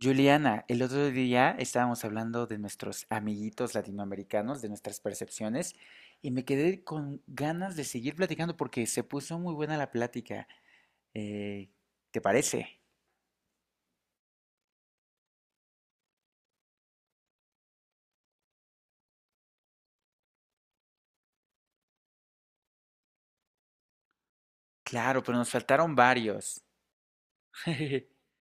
Juliana, el otro día estábamos hablando de nuestros amiguitos latinoamericanos, de nuestras percepciones, y me quedé con ganas de seguir platicando porque se puso muy buena la plática. Eh, ¿Te parece? Claro, pero nos faltaron varios.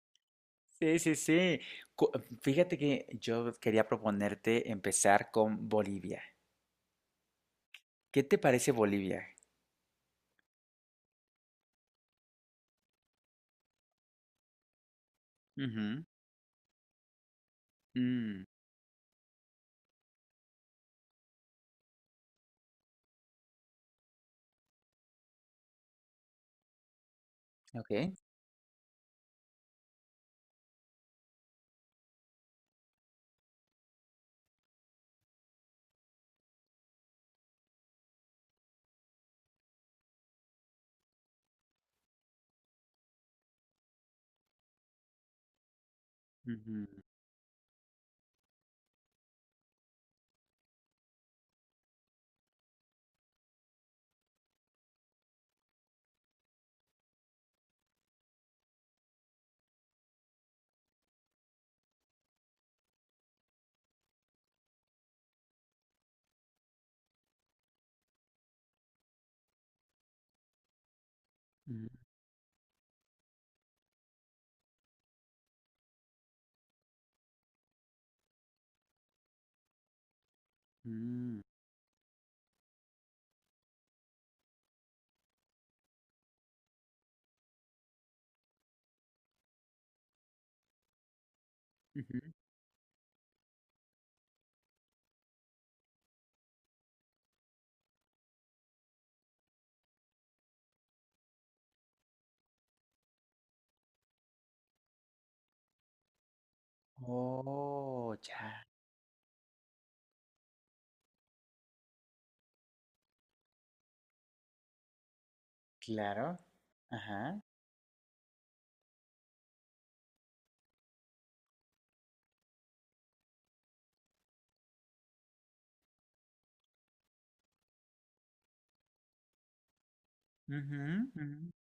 Sí, sí, sí. Cu- Fíjate que yo quería proponerte empezar con Bolivia. ¿Qué te parece Bolivia? Ujú. Mm, ok. Ujú, ujú, ujú, ujú. Oh, ya. Claro. Ajá. Ujú, ujú.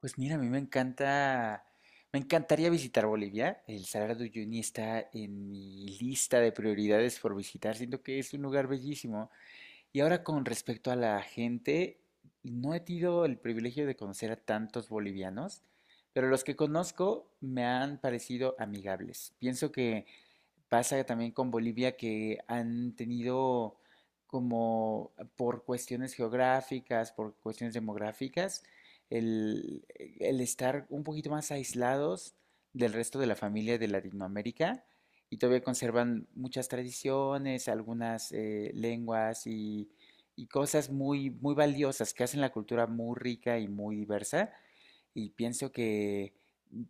Pues mira, a mí me encanta, me encantaría visitar Bolivia. El Salar de Uyuni está en mi lista de prioridades por visitar. Siento que es un lugar bellísimo. Y ahora con respecto a la gente, no he tenido el privilegio de conocer a tantos bolivianos, pero los que conozco me han parecido amigables. Pienso que pasa también con Bolivia que han tenido como por cuestiones geográficas, por cuestiones demográficas, el, el estar un poquito más aislados del resto de la familia de Latinoamérica y todavía conservan muchas tradiciones, algunas lenguas y cosas muy, muy valiosas que hacen la cultura muy rica y muy diversa y pienso que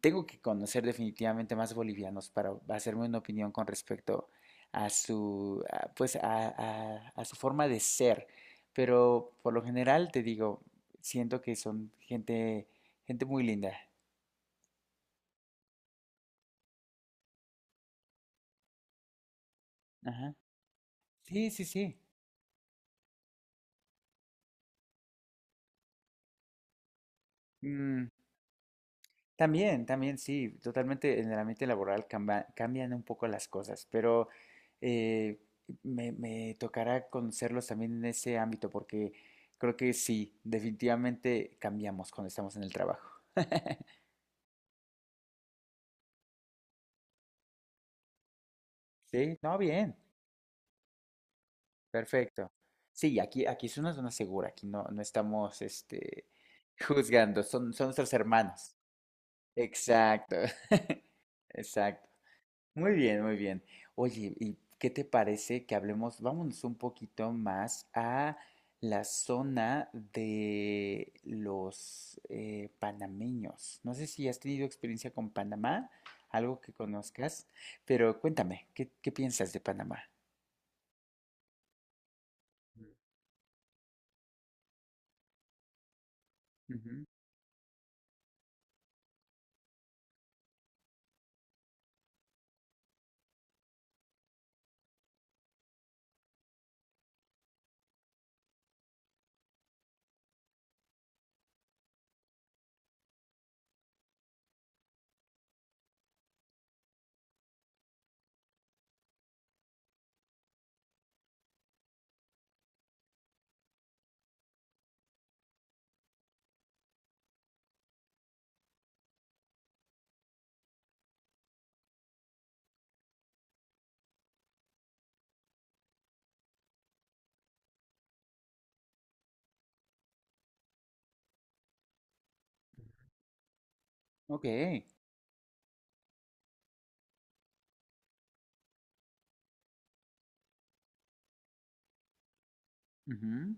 tengo que conocer definitivamente más bolivianos para hacerme una opinión con respecto a su, a, pues a su forma de ser. Pero por lo general te digo, siento que son gente muy linda. Ajá. Sí, sí, sí. Mm, también, también, sí, totalmente en el ambiente laboral cambian un poco las cosas, pero eh, me tocará conocerlos también en ese ámbito, porque creo que sí, definitivamente cambiamos cuando estamos en el trabajo. Sí, no, bien, perfecto. Sí, aquí es una zona segura, aquí no, no estamos juzgando, son nuestros hermanos. Exacto, exacto. Muy bien, muy bien. Oye, ¿y qué te parece que hablemos, vámonos un poquito más a la zona de los panameños? No sé si has tenido experiencia con Panamá, algo que conozcas, pero cuéntame, qué piensas de Panamá? Ujú, ok. Ujú.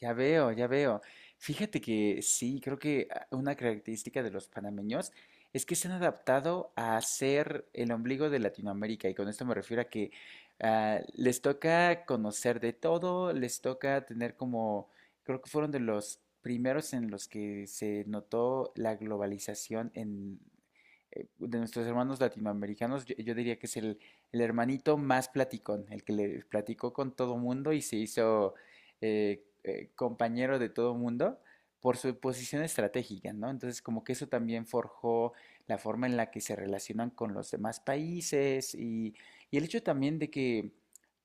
Ya veo, ya veo. Fíjate que sí, creo que ah, una característica de los panameños es que se han adaptado a ser el ombligo de Latinoamérica y con esto me refiero a que ah, les toca conocer de todo, les toca tener como, creo que fueron de los primeros en los que se notó la globalización de nuestros hermanos latinoamericanos, yo diría que es el hermanito más platicón, el que le platicó con todo mundo y se hizo compañero de todo mundo por su posición estratégica, ¿no? Entonces, como que eso también forjó la forma en la que se relacionan con los demás países y el hecho también de que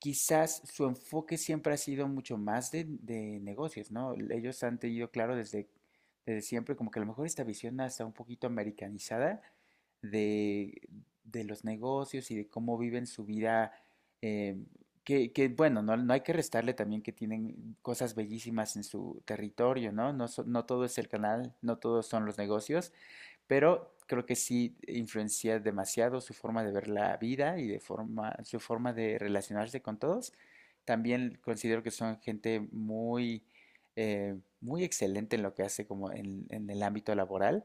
quizás su enfoque siempre ha sido mucho más de negocios, ¿no? Ellos han tenido claro desde siempre como que a lo mejor esta visión hasta un poquito americanizada de, de los negocios y de cómo viven su vida, eh, bueno, no, no hay que restarle también que tienen cosas bellísimas en su territorio, ¿no? No, no todo es el canal, no todos son los negocios, pero creo que sí influencia demasiado su forma de ver la vida y de su forma de relacionarse con todos. También considero que son gente muy, muy excelente en lo que hace como en el ámbito laboral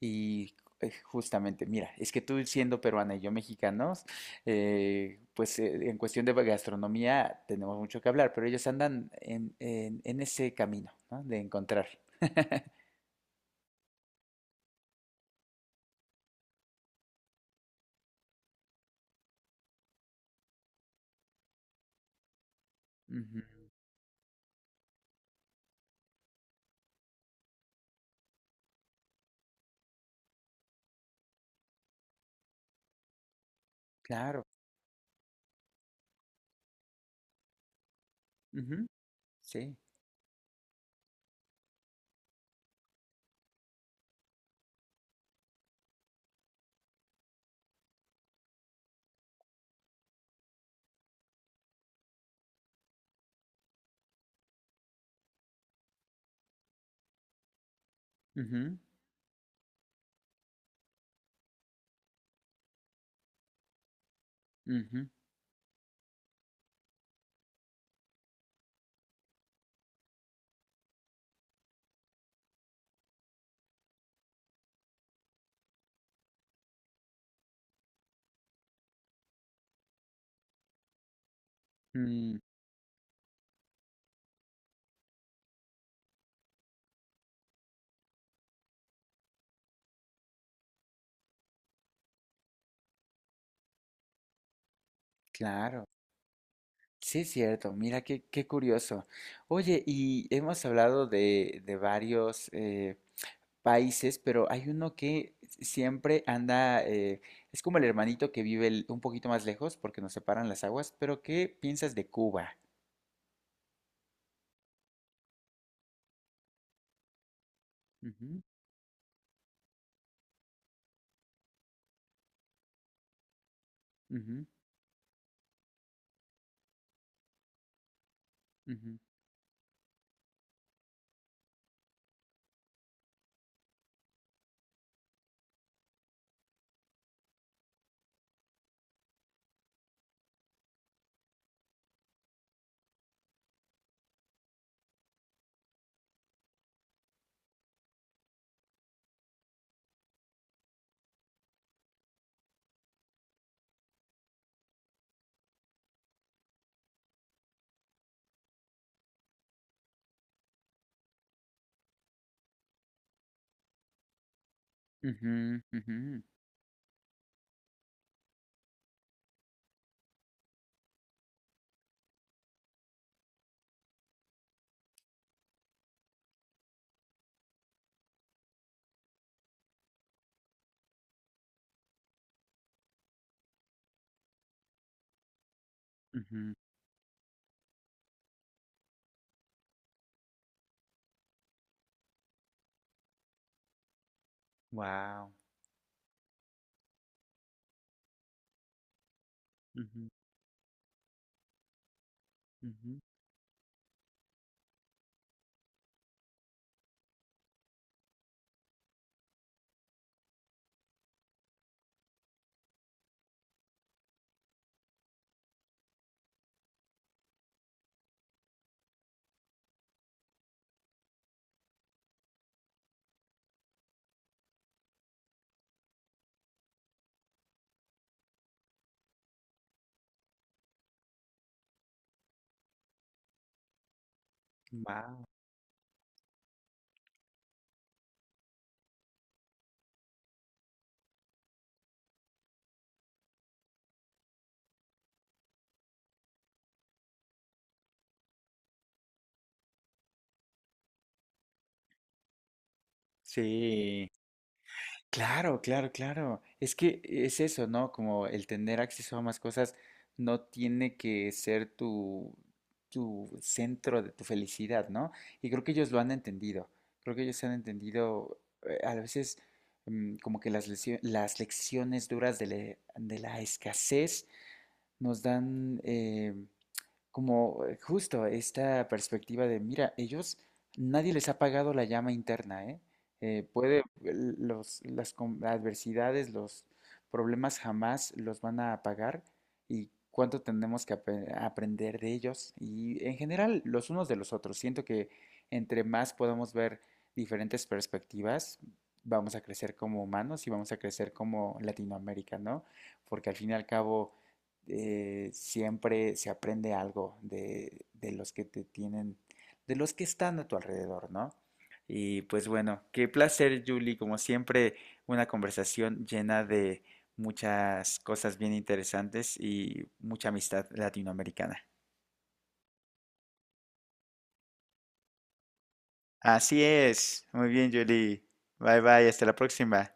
y justamente, mira, es que tú siendo peruana y yo mexicanos, en cuestión de gastronomía tenemos mucho que hablar, pero ellos andan en ese camino, ¿no? De encontrar. Ujú, claro. Ujú, sí. Ujú, ujú, mm, claro, sí es cierto, mira qué, qué curioso. Oye, y hemos hablado de varios países, pero hay uno que siempre anda, es como el hermanito que vive un poquito más lejos porque nos separan las aguas, pero ¿qué piensas de Cuba? Ujú, ujú, ujú, ujú, ujú, ujú. Wow. Ujú, ujú. Wow. Sí. Claro, claro, claro. Es que es eso, ¿no? Como el tener acceso a más cosas no tiene que ser tu centro de tu felicidad, ¿no? Y creo que ellos lo han entendido. Creo que ellos han entendido a veces mm, como que las lecciones duras de la escasez nos dan, como justo esta perspectiva de, mira, ellos, nadie les ha pagado la llama interna, ¿eh? Eh, puede, adversidades, los problemas jamás los van a apagar y cuánto tenemos que aprender de ellos y en general los unos de los otros. Siento que entre más podamos ver diferentes perspectivas, vamos a crecer como humanos y vamos a crecer como Latinoamérica, ¿no? Porque al fin y al cabo siempre se aprende algo de los que te tienen, de los que están a tu alrededor, ¿no? Y pues bueno, qué placer, Julie, como siempre, una conversación llena de muchas cosas bien interesantes y mucha amistad latinoamericana. Así es, muy bien, Julie. Bye bye, hasta la próxima.